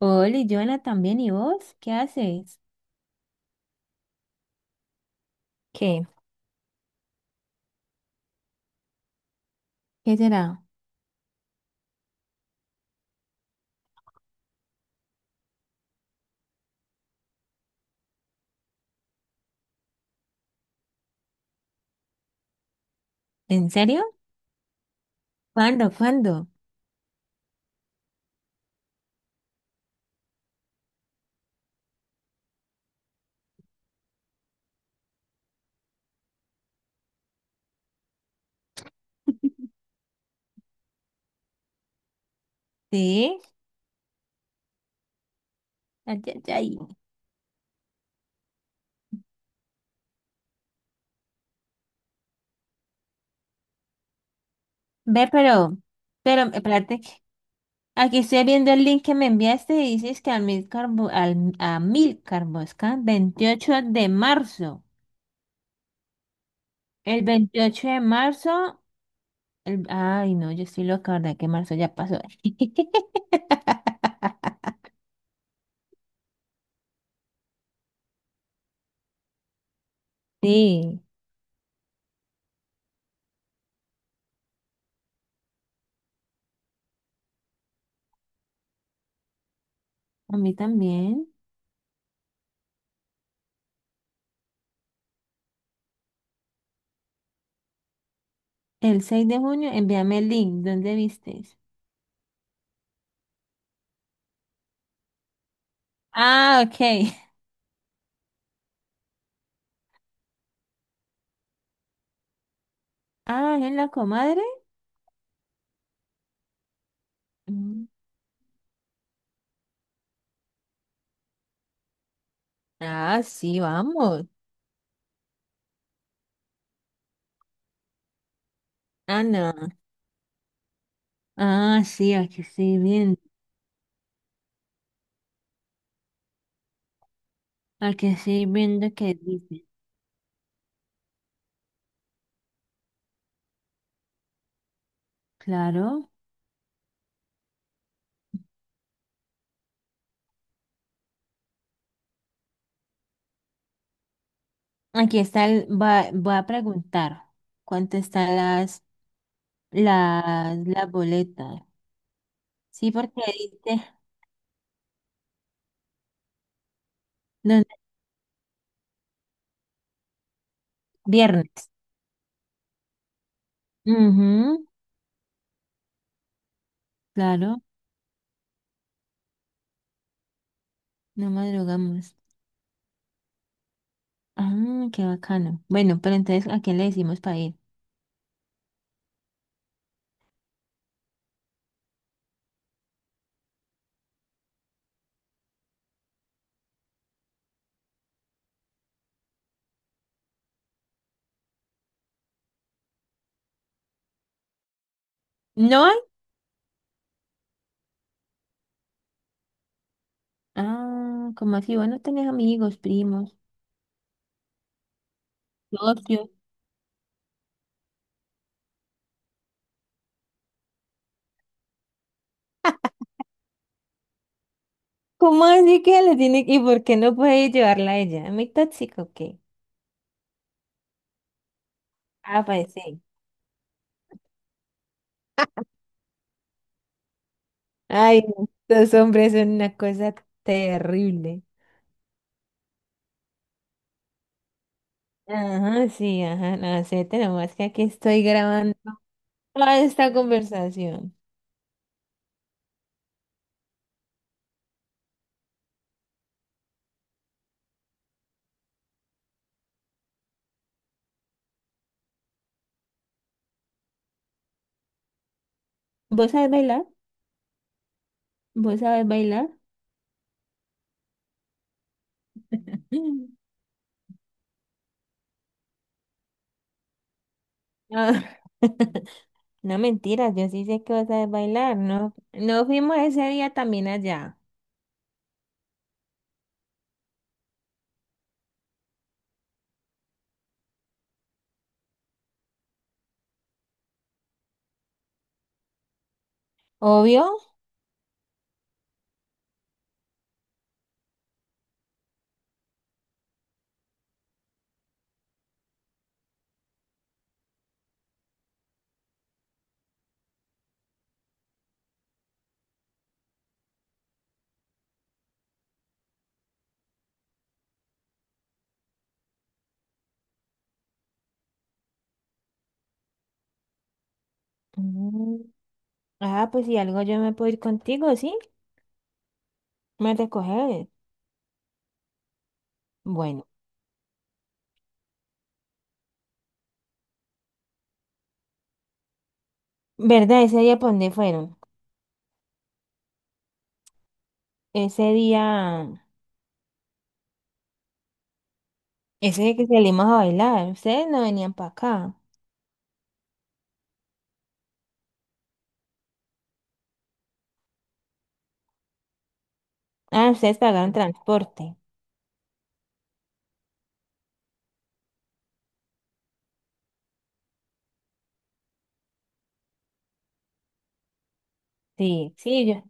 Hola, y Joana también, ¿y vos? ¿Qué haces? ¿Qué? ¿Qué será? ¿En serio? ¿Cuándo? ¿Cuándo? Sí. Ay, ay, ay. Ve, pero, espérate. Aquí estoy viendo el link que me enviaste y dices que al Milcar, Bo- al, a Milcar Bosca, 28 de marzo. El 28 de marzo. El- ay, no, yo estoy loca, ¿verdad? Que marzo ya pasó. Sí. A mí también. El 6 de junio, envíame el link. ¿Dónde viste? Ah, ok. Ah, ¿es la comadre? Mm. Ah, sí, vamos. Ah, no. Ah, sí, aquí estoy viendo. Aquí estoy viendo qué dice. Claro. Aquí está el, va, voy a preguntar cuánto están las boletas. Sí, porque dice, ¿dónde? Viernes. Ujú, claro, no madrugamos. Ah, qué bacano. Bueno, pero entonces, ¿a quién le decimos para ir? ¿No hay? Ah, como así? Bueno, tenés amigos, primos. No, yo- ¿Cómo así que le tiene que- y por qué no puede llevarla a ella? ¿Muy tóxico o qué? Ah, pues sí. Ay, no, los hombres son una cosa terrible. Ajá, sí, ajá, no acepta nomás que aquí estoy grabando toda esta conversación. ¿Vos sabés bailar? ¿Vos sabés bailar? Mm. Ah, no mentiras, yo sí sé que vos sabés bailar, ¿no? ¿No fuimos ese día también allá? Obvio. Mm. Ah, pues si algo yo me puedo ir contigo, ¿sí? Me recoges. Bueno, ¿verdad? Ese día, ¿para dónde fueron? Ese día, ese día que salimos a bailar, ustedes no venían para acá. Ah, ustedes pagaron transporte. Sí, sí, yo.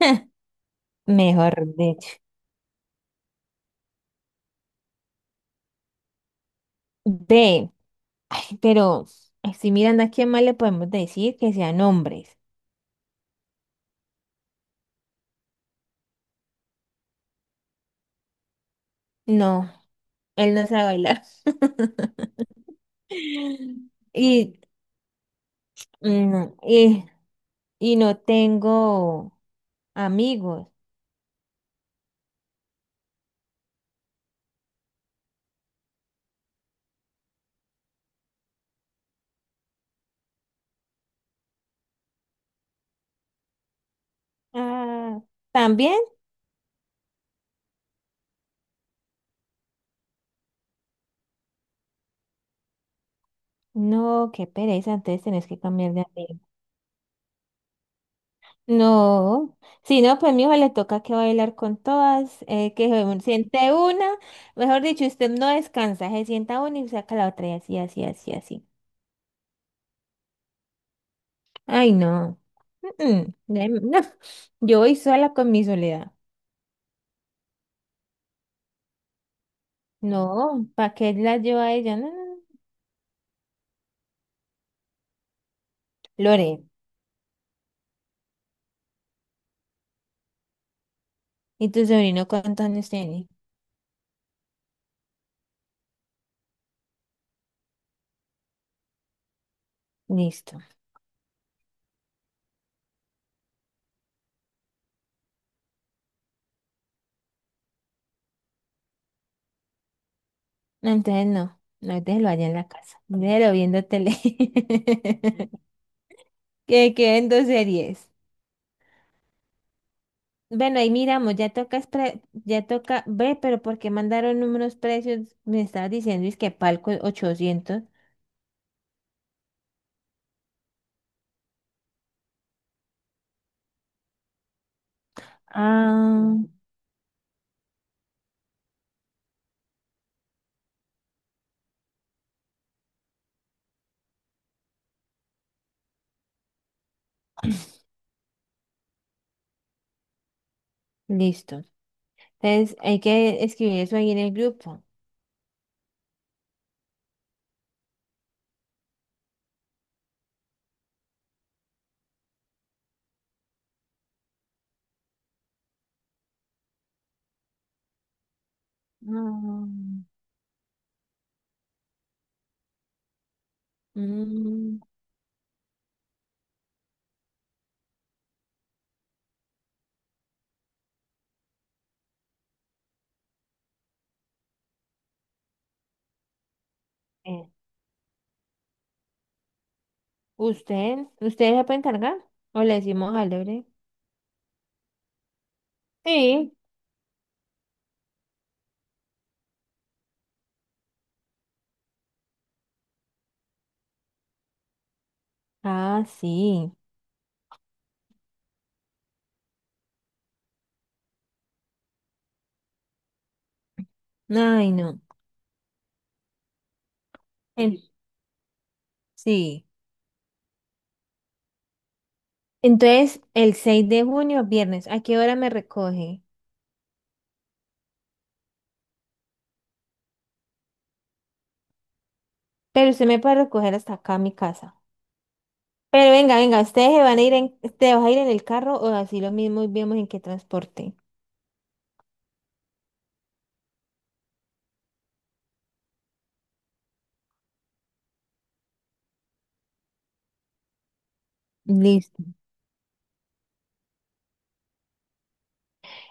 Mejor dicho. Ve, ay, pero estoy mirando a quién más le podemos decir que sean hombres. No, él no sabe bailar. Y, no, y, y no tengo amigos. Ah, ¿también? No, qué pereza, entonces tenés que cambiar de amigos. No, si no, pues mi hijo le toca que bailar con todas, que se siente una, mejor dicho, usted no descansa, se sienta una y saca la otra y así, así, así, así. Ay, no, mm, mm, ay, no, yo voy sola con mi soledad. No, ¿para qué la llevo a ella? No, no, no. Lore, ¿y tu sobrino cuántos años tiene? Listo. No, entonces no, no déjelo allá en la casa, déjelo viendo tele. Que queden dos series. Bueno, ahí miramos, ya toca, espre- ya toca ve, pero ¿por qué mandaron números precios? Me estabas diciendo, ¿es que palco 800? Ah, listo. Entonces, hay que escribir eso ahí en el grupo. Mm. Mm. eh, ¿Usted? ¿Usted se puede encargar? ¿O le decimos al Lebre? Sí. Ah, sí. Ay, no. En- sí. Entonces, el 6 de junio, viernes, ¿a qué hora me recoge? Pero usted me puede recoger hasta acá a mi casa. Pero venga, venga, ustedes se van a ir en, ustedes vas a ir en el carro o así lo mismo y vemos en qué transporte. Listo.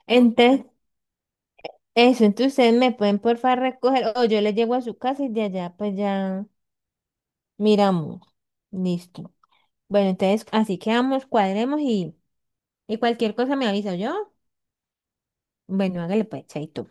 Entonces, eso, entonces ustedes me pueden por favor recoger o yo les llego a su casa y de allá pues ya miramos. Listo. Bueno, entonces así quedamos, cuadremos y cualquier cosa me avisa yo. Bueno, hágale pues, chaito.